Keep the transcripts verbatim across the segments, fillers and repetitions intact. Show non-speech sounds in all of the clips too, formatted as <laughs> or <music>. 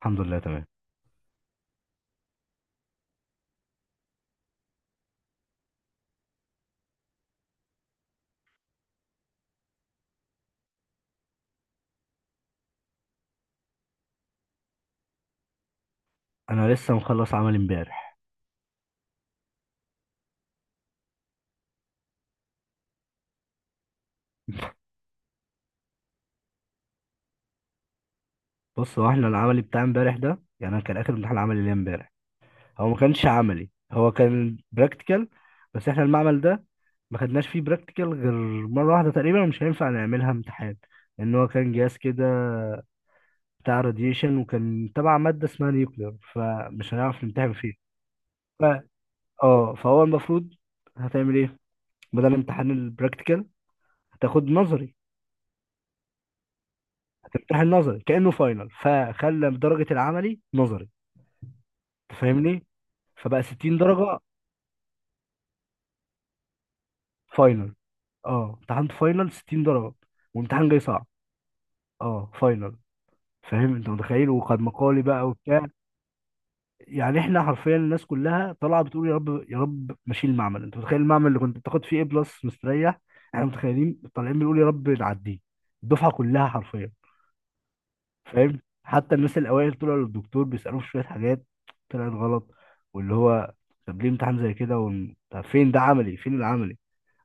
الحمد لله تمام. انا لسه مخلص عمل امبارح. بص، هو احنا العملي بتاع امبارح ده، يعني انا كان اخر امتحان عملي ليا امبارح. هو ما كانش عملي، هو كان براكتيكال. بس احنا المعمل ده ما خدناش فيه براكتيكال غير مره واحده تقريبا، مش هينفع نعملها امتحان. لان هو كان جهاز كده بتاع راديشن، وكان تبع ماده اسمها نيوكلير، فمش هنعرف نمتحن فيه. ف... اه، فهو المفروض هتعمل ايه بدل امتحان البراكتيكال؟ هتاخد نظري. هتمتحن نظري كانه فاينل، فخلى درجه العملي نظري. أنت فاهمني؟ فبقى ستين درجة فاينل. اه، امتحنت فاينل ستين درجة، وامتحان جاي صعب. اه فاينل. فاهم؟ انت متخيل وقد مقالي بقى وبتاع. يعني احنا حرفيا الناس كلها طالعه بتقول يا رب يا رب، ماشيين المعمل. انت متخيل المعمل اللي كنت بتاخد فيه ايه بلس مستريح، احنا متخيلين طالعين بنقول يا رب نعديه. الدفعه كلها حرفيا. فاهم؟ حتى الناس الاوائل طلعوا للدكتور بيسالوه في شويه حاجات طلعت غلط. واللي هو طب ليه امتحان زي كده، وان- طب فين ده عملي؟ فين العملي؟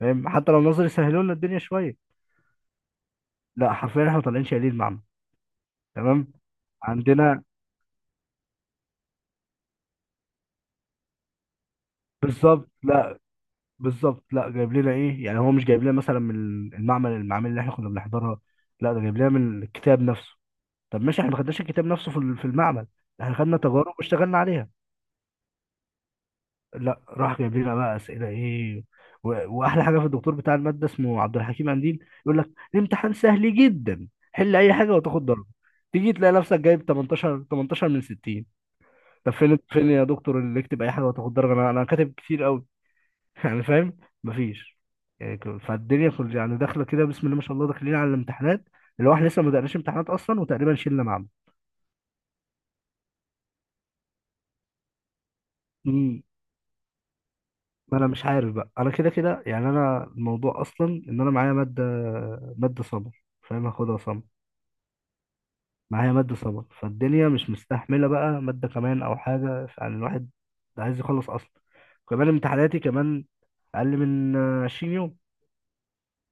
فاهم؟ حتى لو النظر يسهلوا لنا الدنيا شويه، لا، حرفيا احنا طالعين شايلين المعنى. تمام؟ عندنا بالظبط لا، بالظبط لا، جايب لنا ايه يعني؟ هو مش جايب لنا مثلا من المعمل، المعامل اللي احنا كنا بنحضرها، لا، ده جايب لنا من الكتاب نفسه. طب ماشي، احنا ما خدناش الكتاب نفسه في ال- في المعمل، احنا خدنا تجارب واشتغلنا عليها. لا، راح جايب لنا بقى اسئله ايه. و- واحلى حاجه في الدكتور بتاع الماده، اسمه عبد الحكيم قنديل، يقول لك الامتحان سهل جدا، حل اي حاجه وتاخد درجه. تيجي تلاقي نفسك جايب تمنتاشر تمنتاشر من ستين. طب فين فين يا دكتور اللي يكتب اي حاجه وتاخد درجه؟ انا انا كاتب كتير قوي <laughs> يعني فاهم؟ مفيش. يعني ك- فالدنيا كل يعني داخله كده بسم الله ما شاء الله، داخلين على الامتحانات. اللي هو احنا لسه ما بدأناش امتحانات اصلا، وتقريبا شلنا معمل. امم. ما انا مش عارف بقى، انا كده كده يعني، انا الموضوع اصلا ان انا معايا ماده، ماده سمر. فاهم؟ هاخدها سمر. معايا ماده سمر، فالدنيا مش مستحمله بقى ماده كمان او حاجه، يعني الواحد ده عايز يخلص اصلا. كمان امتحاناتي كمان اقل من عشرين يوم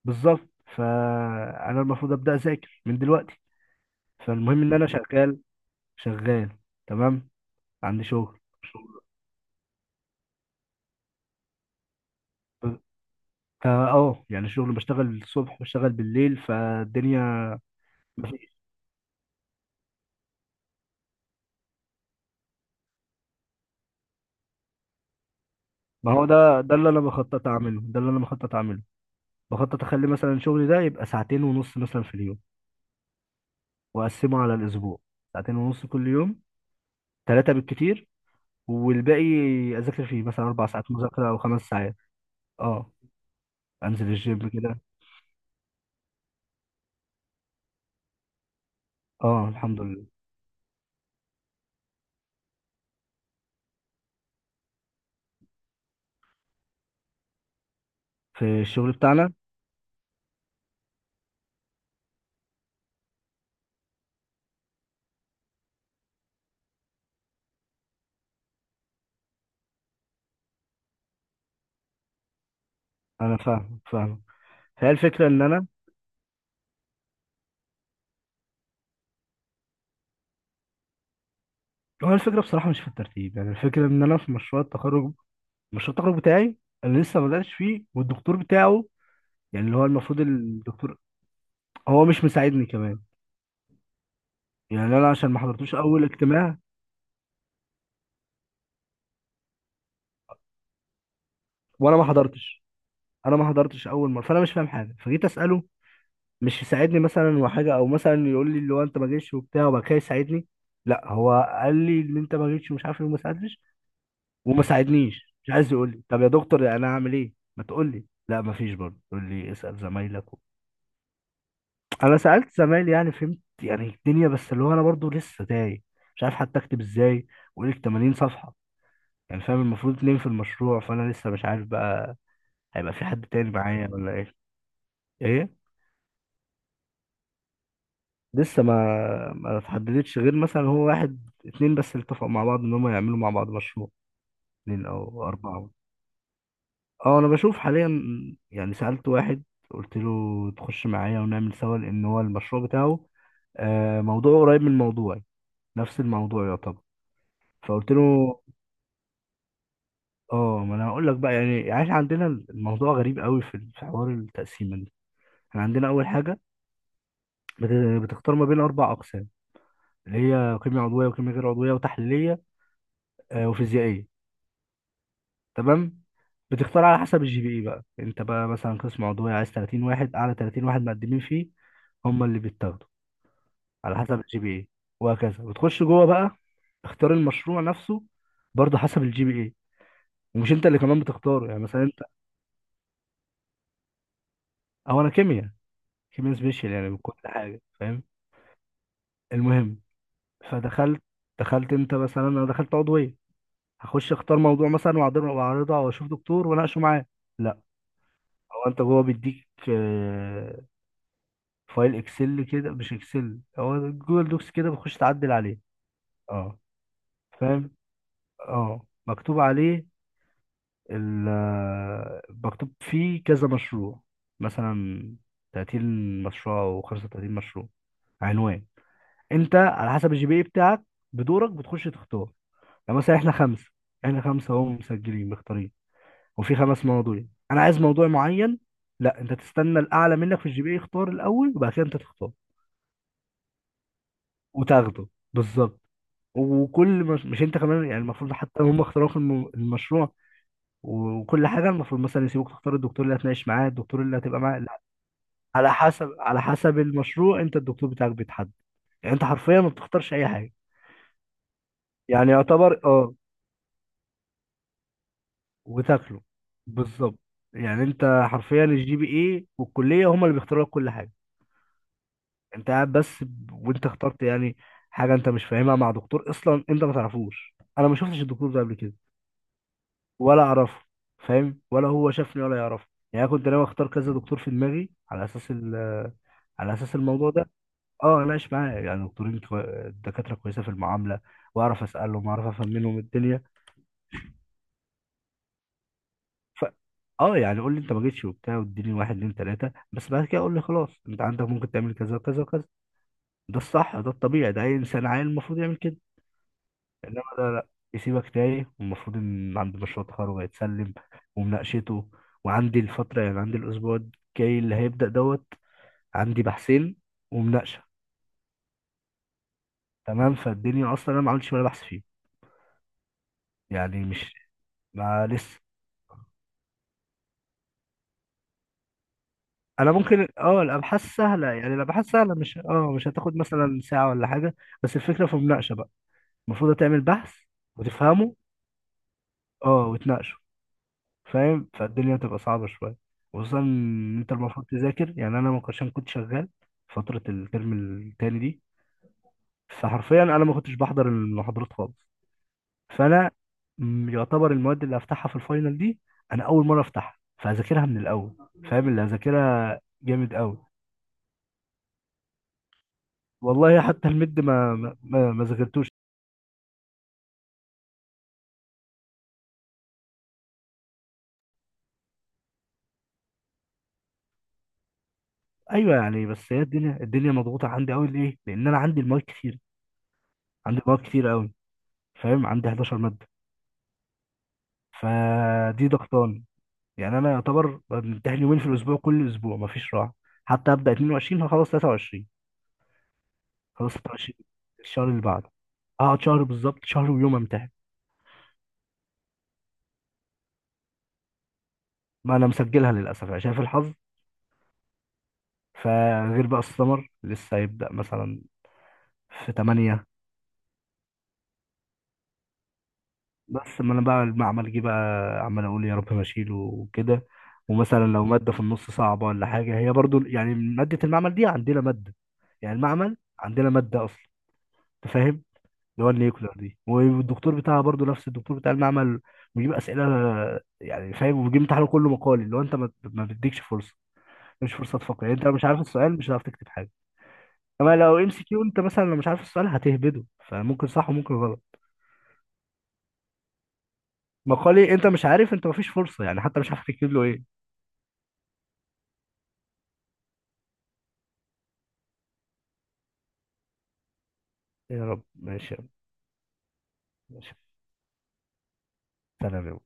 بالظبط. فانا المفروض ابدا اذاكر من دلوقتي. فالمهم ان انا شغال شغال. تمام؟ عندي شغل. ب- فا اه، يعني الشغل بشتغل الصبح بشتغل بالليل، فالدنيا مفيش. ما هو ده ده اللي انا بخطط اعمله، ده اللي انا بخطط اعمله. بخطط اخلي مثلا شغلي ده يبقى ساعتين ونص مثلا في اليوم، واقسمه على الاسبوع. ساعتين ونص كل يوم، ثلاثة بالكتير، والباقي اذاكر فيه مثلا اربع ساعات مذاكرة او خمس ساعات. اه، انزل الجيم كده. اه الحمد لله، في الشغل بتاعنا. انا فاهم فاهم. فهي الفكره ان انا، هو الفكره بصراحه مش في الترتيب، يعني الفكره ان انا في مشروع التخرج، مشروع التخرج بتاعي اللي لسه ما بداتش فيه، والدكتور بتاعه، يعني اللي هو المفروض الدكتور، هو مش مساعدني كمان. يعني انا عشان ما حضرتوش اول اجتماع، وانا ما حضرتش، انا ما حضرتش اول مره، فانا مش فاهم حاجه، فجيت اساله. مش يساعدني مثلا وحاجه، او مثلا يقول لي اللي هو انت ما جيتش وبتاع وبعد كده يساعدني، لا، هو قال لي ان انت ما جيتش ومش عارف ايه وما ساعدتش وما ساعدنيش. مش عايز يقول لي طب يا دكتور انا اعمل ايه؟ ما تقول لي لا، ما فيش، برضه يقول لي اسال زمايلك و... انا سالت زمايلي يعني، فهمت يعني الدنيا، بس اللي هو انا برضه لسه تايه، مش عارف حتى اكتب ازاي. واقول لك تمانين صفحه يعني، فاهم؟ المفروض اتنين في المشروع، فانا لسه مش عارف بقى هيبقى في حد تاني معايا ولا ايه. ايه لسه ما ما اتحددتش، غير مثلا هو واحد اتنين بس اللي اتفقوا مع بعض ان هم يعملوا مع بعض مشروع. اتنين او اربعه. اه، انا بشوف حاليا. يعني سألت واحد، قلت له تخش معايا ونعمل سوا، لان هو المشروع بتاعه، آه، موضوعه قريب من موضوعي. نفس الموضوع يعتبر. فقلت له اه، ما انا هقول لك بقى يعني، يعني احنا عندنا الموضوع غريب قوي في في حوار التقسيمه دي. احنا عندنا اول حاجه بت- بتختار ما بين اربع اقسام، اللي هي كيمياء عضويه وكيمياء غير عضويه وتحليليه، آه، وفيزيائيه. تمام. بتختار على حسب الجي بي اي. بقى انت بقى مثلا قسم عضويه عايز تلاتين واحد، اعلى تلاتين واحد مقدمين فيه هم اللي بيتاخدوا، على حسب الجي بي اي. وهكذا. وتخش جوه بقى، اختار المشروع نفسه، برضه حسب الجي بي اي، ومش انت اللي كمان بتختاره. يعني مثلا انت، او انا كيمياء، كيمياء سبيشال يعني من كل حاجه، فاهم؟ المهم، فدخلت، دخلت انت مثلا، انا دخلت عضويه، هخش اختار موضوع مثلا واعرضه واعرضه واشوف دكتور واناقشه معاه. لا، هو انت جوه بيديك آه، فايل اكسل كده، مش اكسل، هو جوجل دوكس كده، بتخش تعدل عليه. اه فاهم. اه، مكتوب عليه، ال- مكتوب فيه كذا مشروع، مثلا تلاتين مشروع او خمسة وتلاتين مشروع، عنوان، انت على حسب الجي بي اي بتاعك بدورك بتخش تختار. يعني مثلا احنا خمسه، احنا خمسه اهو مسجلين مختارين، وفي خمس مواضيع. انا عايز موضوع معين، لا، انت تستنى الاعلى منك في الجي بي اي يختار الاول، وبعد كده انت تختار وتاخده. بالظبط. وكل مش, مش انت كمان يعني، المفروض حتى هم اختاروا في الم- المشروع وكل حاجه. المفروض مثلا يسيبوك تختار الدكتور اللي هتناقش معاه، الدكتور اللي هتبقى معاه، لا، على حسب على حسب المشروع انت الدكتور بتاعك بيتحدد. يعني انت حرفيا ما بتختارش اي حاجه. يعني يعتبر اه. وتاكله. بالظبط. يعني انت حرفيا الجي بي اي والكليه هم اللي بيختاروا لك كل حاجه. انت قاعد بس ب- وانت اخترت يعني حاجه انت مش فاهمها مع دكتور اصلا انت ما تعرفوش. انا ما شفتش الدكتور ده قبل كده ولا اعرفه، فاهم؟ ولا هو شافني ولا يعرفه. يعني انا كنت ناوي اختار كذا دكتور في دماغي على اساس ال على اساس الموضوع ده. اه اناقش معاه، يعني دكتورين كوي... دكاتره كويسه في المعامله، واعرف اسالهم واعرف افهم منهم الدنيا. ف اه، يعني قول لي انت ما جيتش وبتاع واديني واحد اتنين تلاته، بس بعد كده قول لي خلاص، انت عندك ممكن تعمل كذا وكذا وكذا. ده الصح، ده الطبيعي، ده اي انسان عاقل المفروض يعمل كده. انما ده لا، يسيبك تايه. والمفروض ان عندي مشروع تخرج هيتسلم ومناقشته، وعندي الفترة، يعني عندي الأسبوع الجاي اللي هيبدأ دوت، عندي بحثين ومناقشة. تمام؟ فالدنيا أصلا أنا ما عملتش ولا بحث فيه. يعني مش ما لسه. أنا ممكن، أه الأبحاث سهلة يعني، الأبحاث سهلة، مش أه مش هتاخد مثلا ساعة ولا حاجة. بس الفكرة في المناقشة بقى، المفروض تعمل بحث وتفهمه، أه وتناقشه. فاهم؟ فالدنيا بتبقى صعبة شوية، خصوصا إن أنت المفروض تذاكر. يعني أنا ما كنتش- عشان كنت شغال فترة الترم التاني دي، فحرفيا أنا ما كنتش بحضر المحاضرات خالص. فأنا م- يعتبر المواد اللي هفتحها في الفاينل دي، أنا أول مرة أفتحها، فهذاكرها من الأول، فاهم؟ اللي هذاكرها جامد أوي. والله حتى المد ما ما ما ما ذاكرتوش. أيوه يعني، بس هي الدنيا، الدنيا مضغوطة عندي أوي. ليه؟ لأن أنا عندي المواد كتير، عندي مواد كتير أوي. فاهم؟ عندي حداشر مادة. فدي ضغطان. يعني انا يعتبر بمتحن يومين في الاسبوع، كل اسبوع مفيش راحه. حتى ابدا اتنين وعشرين هخلص تلاتة وعشرين. خلاص تلاتة وعشرين الشهر اللي بعده. هقعد شهر بالظبط، شهر ويوم امتحن. ما انا مسجلها للاسف عشان في الحظ. فغير بقى السمر لسه هيبدا مثلا في تمانية. بس ما انا بقى المعمل جه بقى، عمال اقول يا رب ما اشيله وكده. ومثلا لو ماده في النص صعبه ولا حاجه، هي برضو يعني ماده المعمل دي، عندنا ماده، يعني المعمل عندنا ماده اصلا، انت فاهم؟ اللي هو النيوكلير دي، والدكتور بتاعها برضو نفس الدكتور بتاع المعمل، بيجيب اسئله، يعني فاهم؟ وبيجيب امتحانه كله مقالي، اللي هو انت ما ما بتديكش فرصه. مش فرصه تفكر، يعني انت لو مش عارف السؤال مش هتعرف تكتب حاجه. اما لو ام سي كيو، انت مثلا لو مش عارف السؤال هتهبده، فممكن صح وممكن غلط. مقالي انت مش عارف، انت مفيش فرصه، يعني حتى مش عارف تكتب له ايه. يا رب ماشي يا رب. ماشي. سلام يا